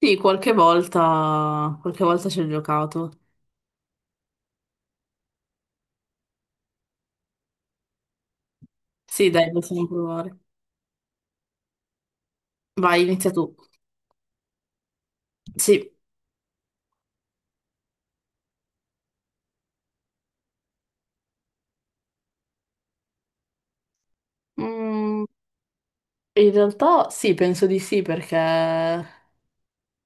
Sì, qualche volta ci ho giocato. Sì, dai, possiamo provare. Vai, inizia tu. Sì. Mm, in realtà sì, penso di sì, perché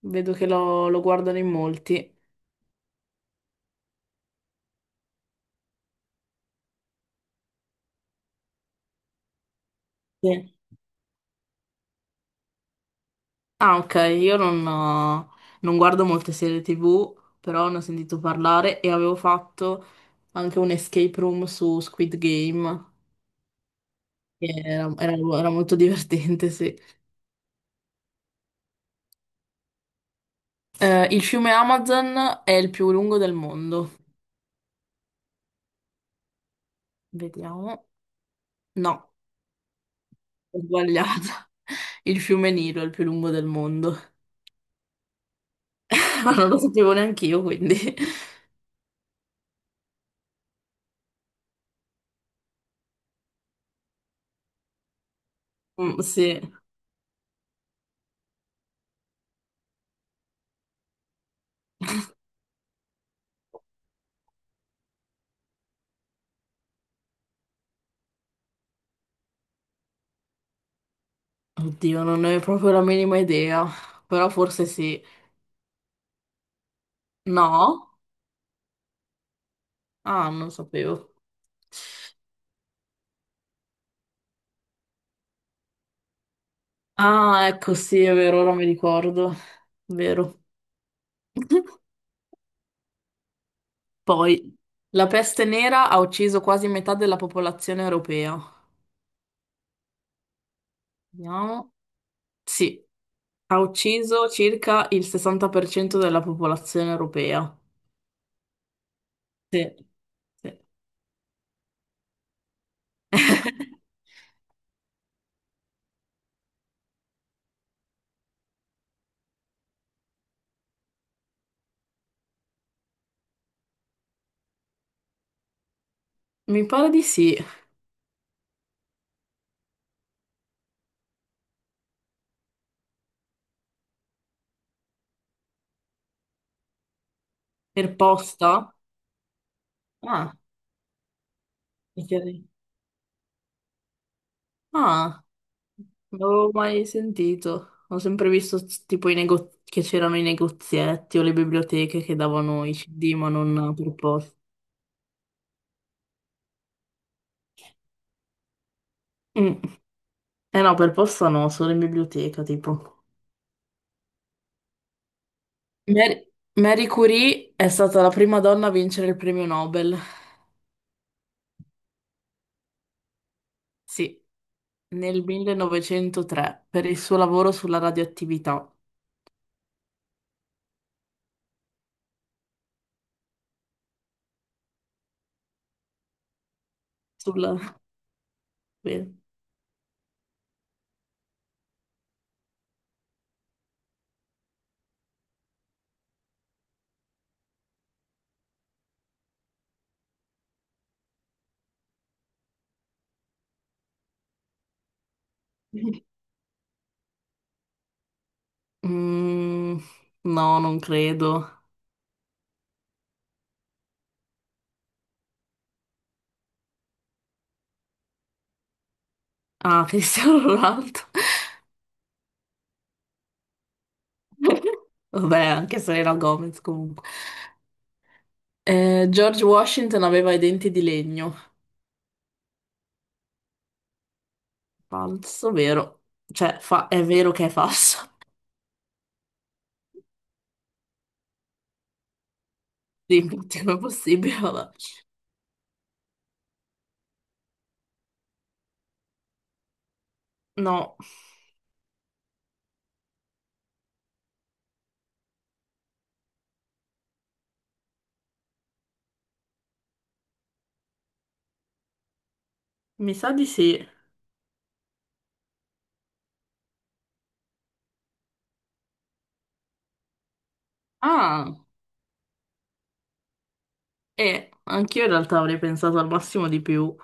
vedo che lo guardano in molti. Sì. Ah, ok, io non guardo molte serie TV, però ne ho sentito parlare e avevo fatto anche un escape room su Squid Game. che Era, era- Era molto divertente, sì. Il fiume Amazon è il più lungo del mondo. Vediamo. No, ho sbagliato. Il fiume Nilo è il più lungo del mondo. Ma non lo sapevo neanche io, quindi... Mm, sì. Oddio, non ne ho proprio la minima idea. Però forse sì. No? Ah, non sapevo. Ah, ecco, sì, è vero, ora mi ricordo. Vero. Poi, la peste nera ha ucciso quasi metà della popolazione europea. Vediamo. Sì, ha ucciso circa il 60% della popolazione europea. Sì, sì. Mi pare di sì. Per posta? Ah, mi chiedi. Ah, non avevo mai sentito. Ho sempre visto tipo che c'erano i negozietti o le biblioteche che davano i CD, ma non per posta. Mm. Eh no, per posta no, solo in biblioteca, tipo. Mary, Marie Curie è stata la prima donna a vincere il premio Nobel. Sì, nel 1903 per il suo lavoro sulla radioattività. Sulla... Bene. Mm, no, non credo. Ah, Cristiano Ronaldo. Vabbè, anche Selena Gomez comunque. George Washington aveva i denti di legno. Falso, vero? Cioè, è vero che è falso. Dimmi, come è possibile? Vabbè. No, mi sa di sì. Ah, e anch'io in realtà avrei pensato al massimo di più.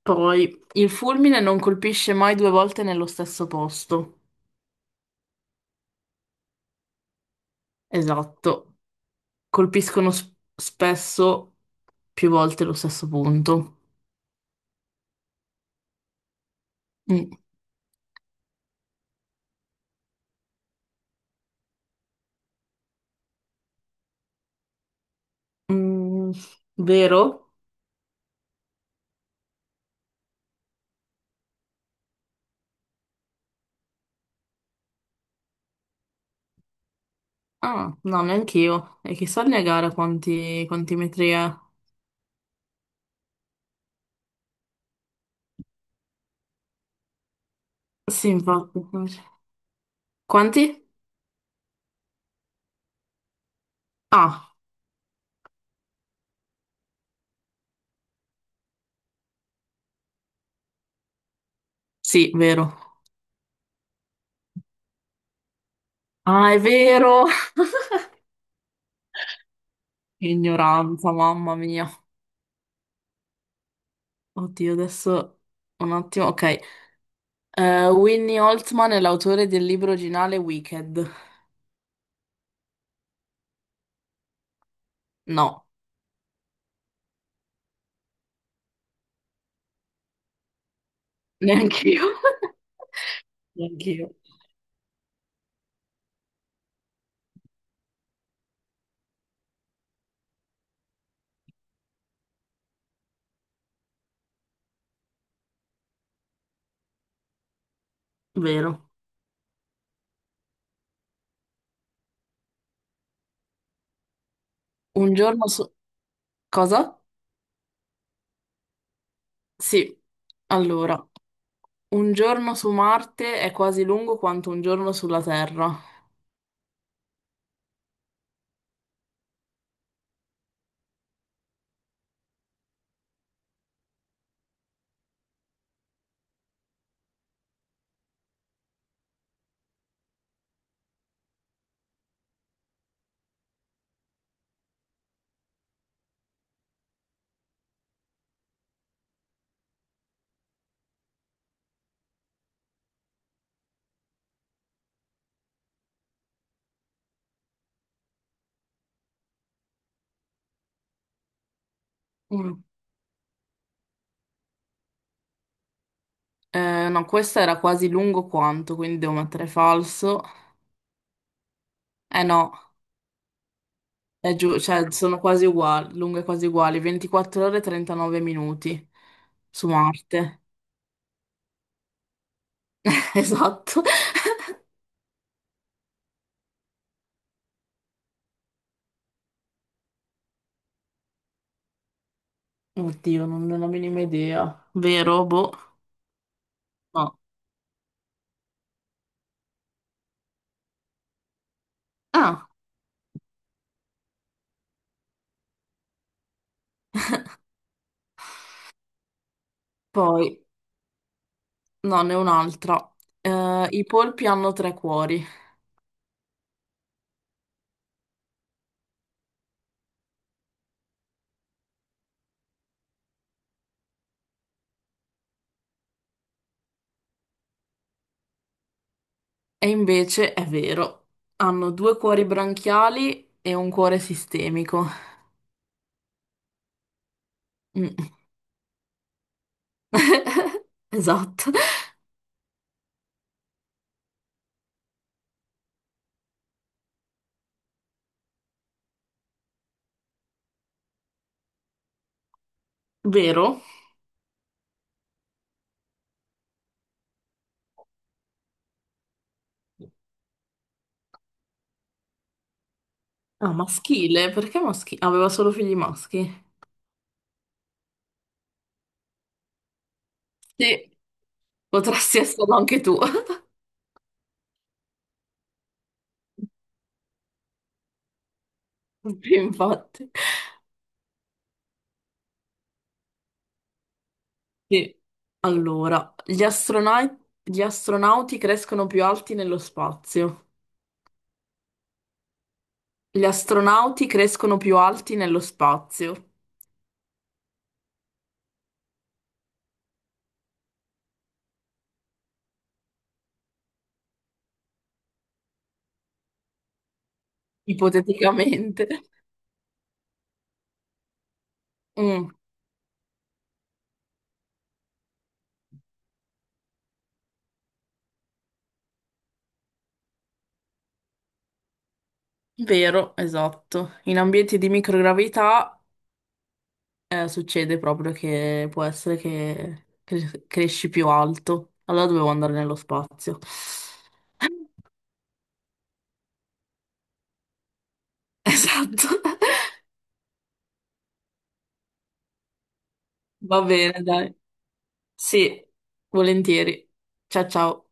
Poi, il fulmine non colpisce mai due volte nello stesso posto. Esatto. Colpiscono spesso più volte lo stesso punto. Mm. Mm, vero? Ah, no, neanche io. E chissà il Niagara quanti, quanti metri è. Sì, infatti. Quanti? Ah, sì, vero. Ah, è vero! Ignoranza, mamma mia. Oddio, adesso un attimo. Ok. Winnie Holtzman è l'autore del libro originale Wicked. No, neanche io. Neanche io. Vero. Un giorno, so- Cosa? Sì. Allora, un giorno su Marte è quasi lungo quanto un giorno sulla Terra. Mm. No, questa era quasi lungo quanto, quindi devo mettere falso. Eh no, è giù, cioè sono quasi uguali, lunghe quasi uguali, 24 ore e 39 minuti su Marte. Esatto. Oddio, non ho la minima idea. Vero? Boh. No. Ah, poi, no, ne ho un'altra. I polpi hanno tre cuori. E invece è vero, hanno due cuori branchiali e un cuore sistemico. Mm, esatto. Vero? Ah, maschile, perché maschile? Aveva solo figli maschi. Sì, potresti esserlo anche tu. Sì, infatti. Sì. Allora, gli astronauti crescono più alti nello spazio. Gli astronauti crescono più alti nello spazio, ipoteticamente. Mm. Vero, esatto. In ambienti di microgravità succede proprio che può essere che cresci più alto. Allora dovevo andare nello spazio. Esatto. Va bene, dai. Sì, volentieri. Ciao ciao.